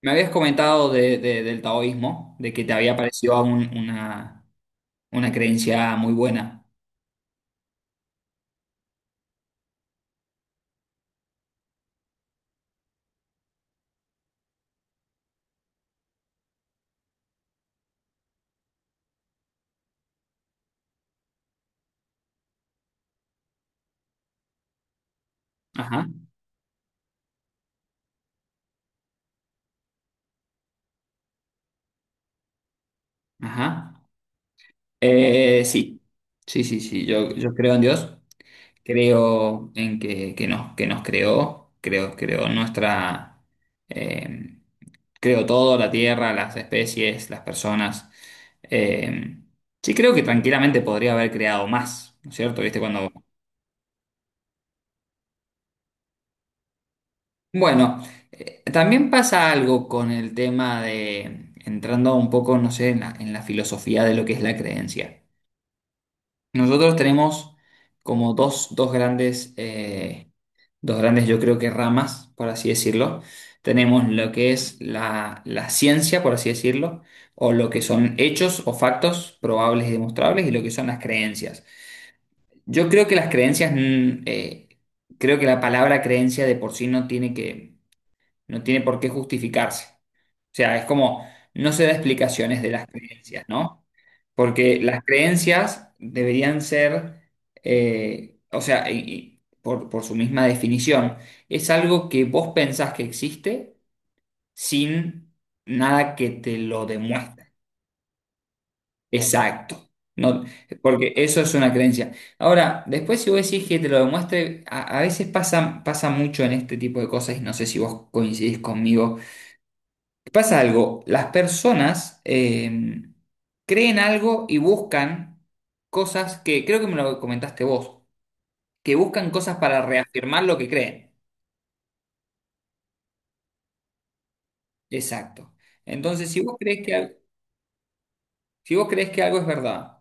Me habías comentado del taoísmo, de que te había parecido una creencia muy buena. Ajá, ajá. Sí, sí, sí, sí. Yo creo en Dios, creo en que nos creó, creo nuestra, eh, creo todo, la tierra, las especies, las personas. Eh, sí, creo que tranquilamente podría haber creado más, ¿no es cierto? ¿Viste? Cuando Bueno, también pasa algo con el tema de, entrando un poco, no sé, en la filosofía de lo que es la creencia. Nosotros tenemos como dos grandes, dos grandes, yo creo que ramas, por así decirlo. Tenemos lo que es la ciencia, por así decirlo, o lo que son hechos o factos probables y demostrables, y lo que son las creencias. Yo creo que las creencias, creo que la palabra creencia de por sí no tiene que no tiene por qué justificarse. O sea, es como, no se da explicaciones de las creencias, ¿no? Porque las creencias deberían ser, o sea, y por su misma definición, es algo que vos pensás que existe sin nada que te lo demuestre. Exacto. No, porque eso es una creencia. Ahora, después si vos decís que te lo demuestre, a veces pasa, pasa mucho en este tipo de cosas y no sé si vos coincidís conmigo. Pasa algo, las personas creen algo y buscan cosas que, creo que me lo comentaste vos, que buscan cosas para reafirmar lo que creen. Exacto. Entonces, si vos crees que, algo es verdad,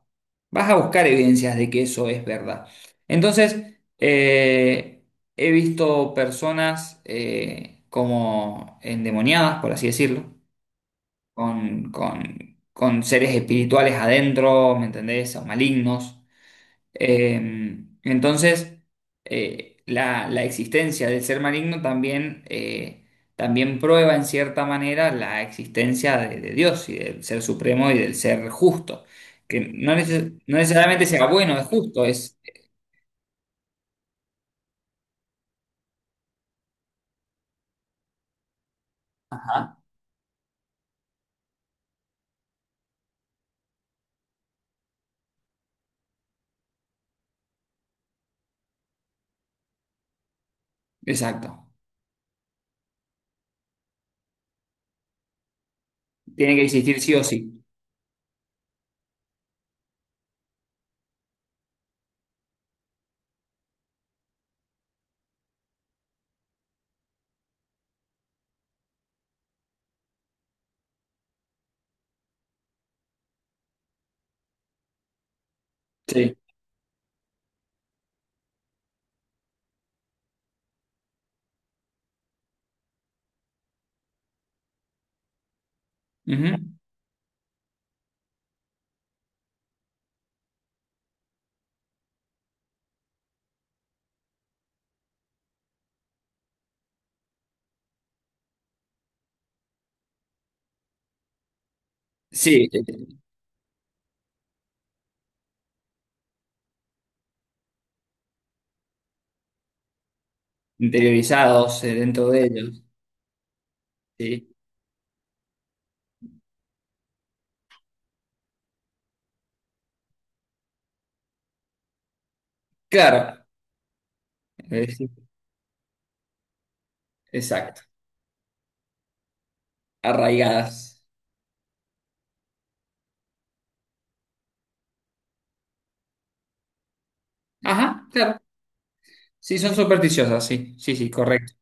vas a buscar evidencias de que eso es verdad. Entonces, he visto personas como endemoniadas, por así decirlo, con, con seres espirituales adentro, ¿me entendés? O malignos. Eh, entonces, la existencia del ser maligno también, también prueba en cierta manera la existencia de Dios y del ser supremo y del ser justo, que no, no necesariamente sea bueno, es justo, es. Ajá. Exacto. Tiene que existir sí o sí. Sí. Ujú. Sí, interiorizados dentro de ellos. Sí. Claro. Exacto. Arraigadas. Ajá, claro. Sí, son supersticiosas, sí, sí, sí, correcto.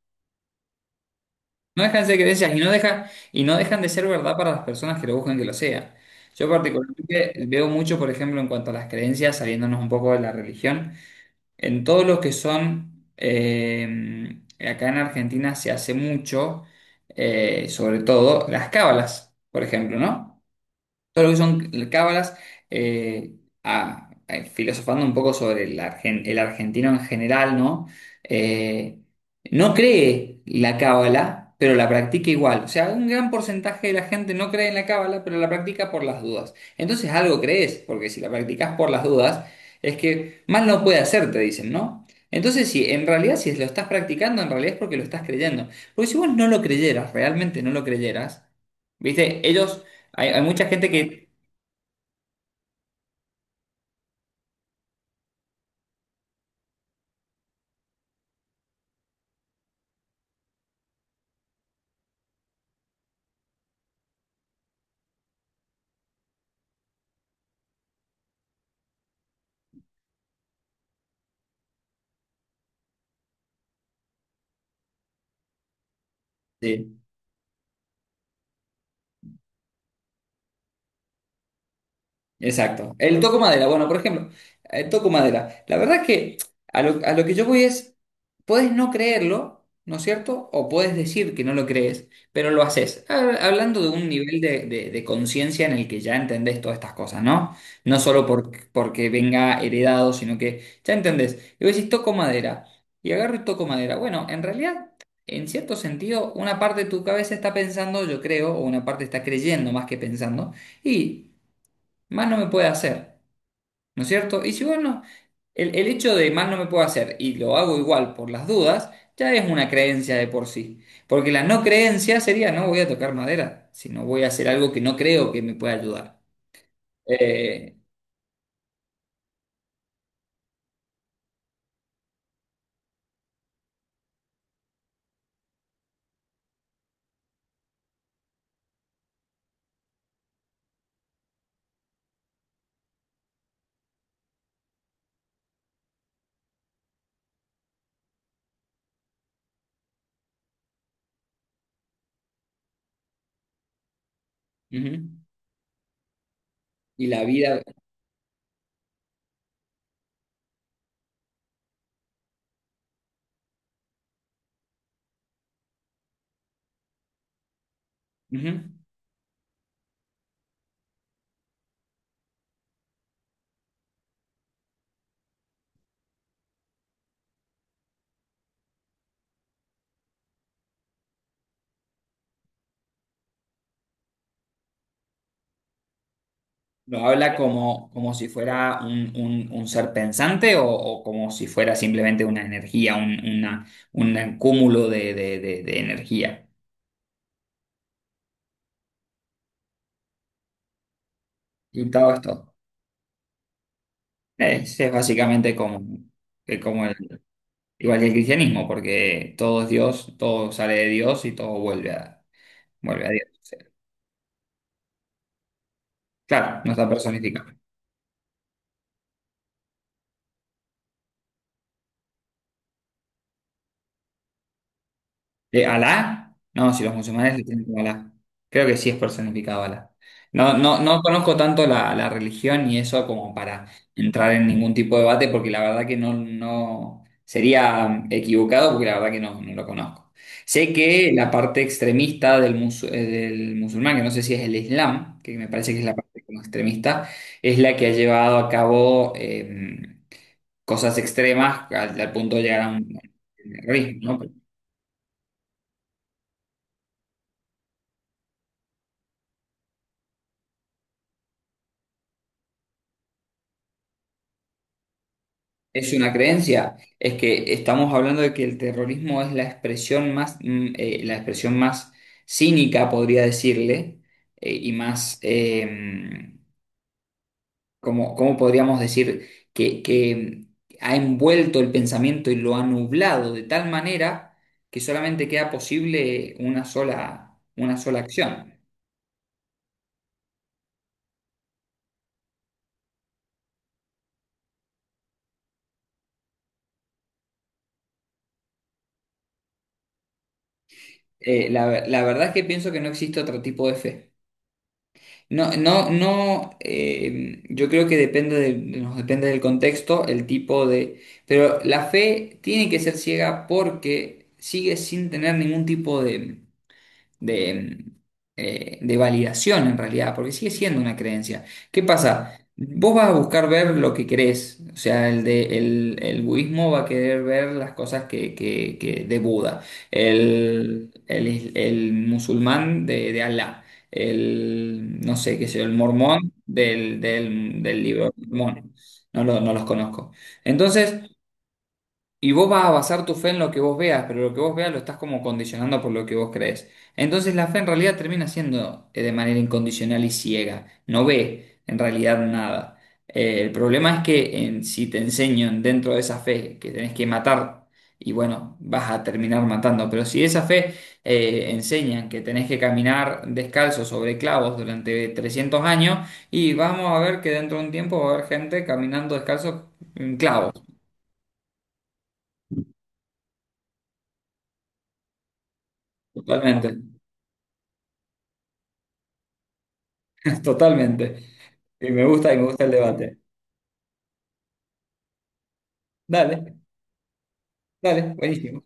No dejan de ser creencias y no deja, y no dejan de ser verdad para las personas que lo buscan que lo sea. Yo particularmente veo mucho, por ejemplo, en cuanto a las creencias, saliéndonos un poco de la religión, en todo lo que son, acá en Argentina se hace mucho, sobre todo las cábalas, por ejemplo, ¿no? Todo lo que son cábalas, eh, filosofando un poco sobre el argentino en general, ¿no? Eh, no cree la cábala, pero la practica igual. O sea, un gran porcentaje de la gente no cree en la cábala, pero la practica por las dudas. Entonces algo crees, porque si la practicas por las dudas, es que mal no puede hacer, te dicen, ¿no? Entonces, si en realidad, si lo estás practicando, en realidad es porque lo estás creyendo. Porque si vos no lo creyeras, realmente no lo creyeras, ¿viste? Ellos hay mucha gente que... Sí. Exacto. El toco madera. Bueno, por ejemplo, el toco madera. La verdad es que a lo que yo voy es, puedes no creerlo, ¿no es cierto? O puedes decir que no lo crees, pero lo haces. Hablando de un nivel de conciencia en el que ya entendés todas estas cosas, ¿no? No solo porque venga heredado, sino que ya entendés. Y vos decís, toco madera. Y agarro y toco madera. Bueno, en realidad, en cierto sentido, una parte de tu cabeza está pensando, yo creo, o una parte está creyendo más que pensando. Y más no me puede hacer, ¿no es cierto? Y si bueno, el hecho de más no me puedo hacer y lo hago igual por las dudas, ya es una creencia de por sí. Porque la no creencia sería no voy a tocar madera, sino voy a hacer algo que no creo que me pueda ayudar. Eh, Ujú. Y la vida, ujú, lo habla como, como si fuera un, un ser pensante o como si fuera simplemente una energía, un, un cúmulo de energía. Y todo esto. Es básicamente como, que como igual que el cristianismo, porque todo es Dios, todo sale de Dios y todo vuelve a, Dios. Claro, no está personificado. ¿Alá? No, si los musulmanes le tienen como Alá. Creo que sí es personificado Alá. No, no, no conozco tanto la religión y eso como para entrar en ningún tipo de debate, porque la verdad que no sería equivocado, porque la verdad que no lo conozco. Sé que la parte extremista del musulmán, que no sé si es el Islam, que me parece que es la parte como extremista, es la que ha llevado a cabo cosas extremas al punto de llegar a un terrorismo, ¿no? Es una creencia, es que estamos hablando de que el terrorismo es la expresión más cínica, podría decirle, y más, como, ¿cómo podríamos decir? Que ha envuelto el pensamiento y lo ha nublado de tal manera que solamente queda posible una sola acción. La verdad es que pienso que no existe otro tipo de fe. No, no, no, yo creo que nos depende del contexto, el tipo de... Pero la fe tiene que ser ciega porque sigue sin tener ningún tipo de de, de validación en realidad, porque sigue siendo una creencia. ¿Qué pasa? Vos vas a buscar ver lo que querés, o sea, el budismo va a querer ver las cosas de Buda, el musulmán de Alá, no sé qué sé yo, el mormón del libro de Mormón, no, no los conozco. Entonces, y vos vas a basar tu fe en lo que vos veas, pero lo que vos veas lo estás como condicionando por lo que vos crees. Entonces la fe en realidad termina siendo de manera incondicional y ciega. No ve en realidad nada. El problema es que si te enseño dentro de esa fe que tenés que matar, y bueno, vas a terminar matando. Pero si esa fe enseñan que tenés que caminar descalzo sobre clavos durante 300 años, y vamos a ver que dentro de un tiempo va a haber gente caminando descalzo en clavos, totalmente. Totalmente. Y me gusta el debate. Dale, dale, buenísimo.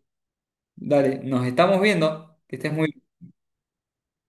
Dale, nos estamos viendo. Que estés muy bien.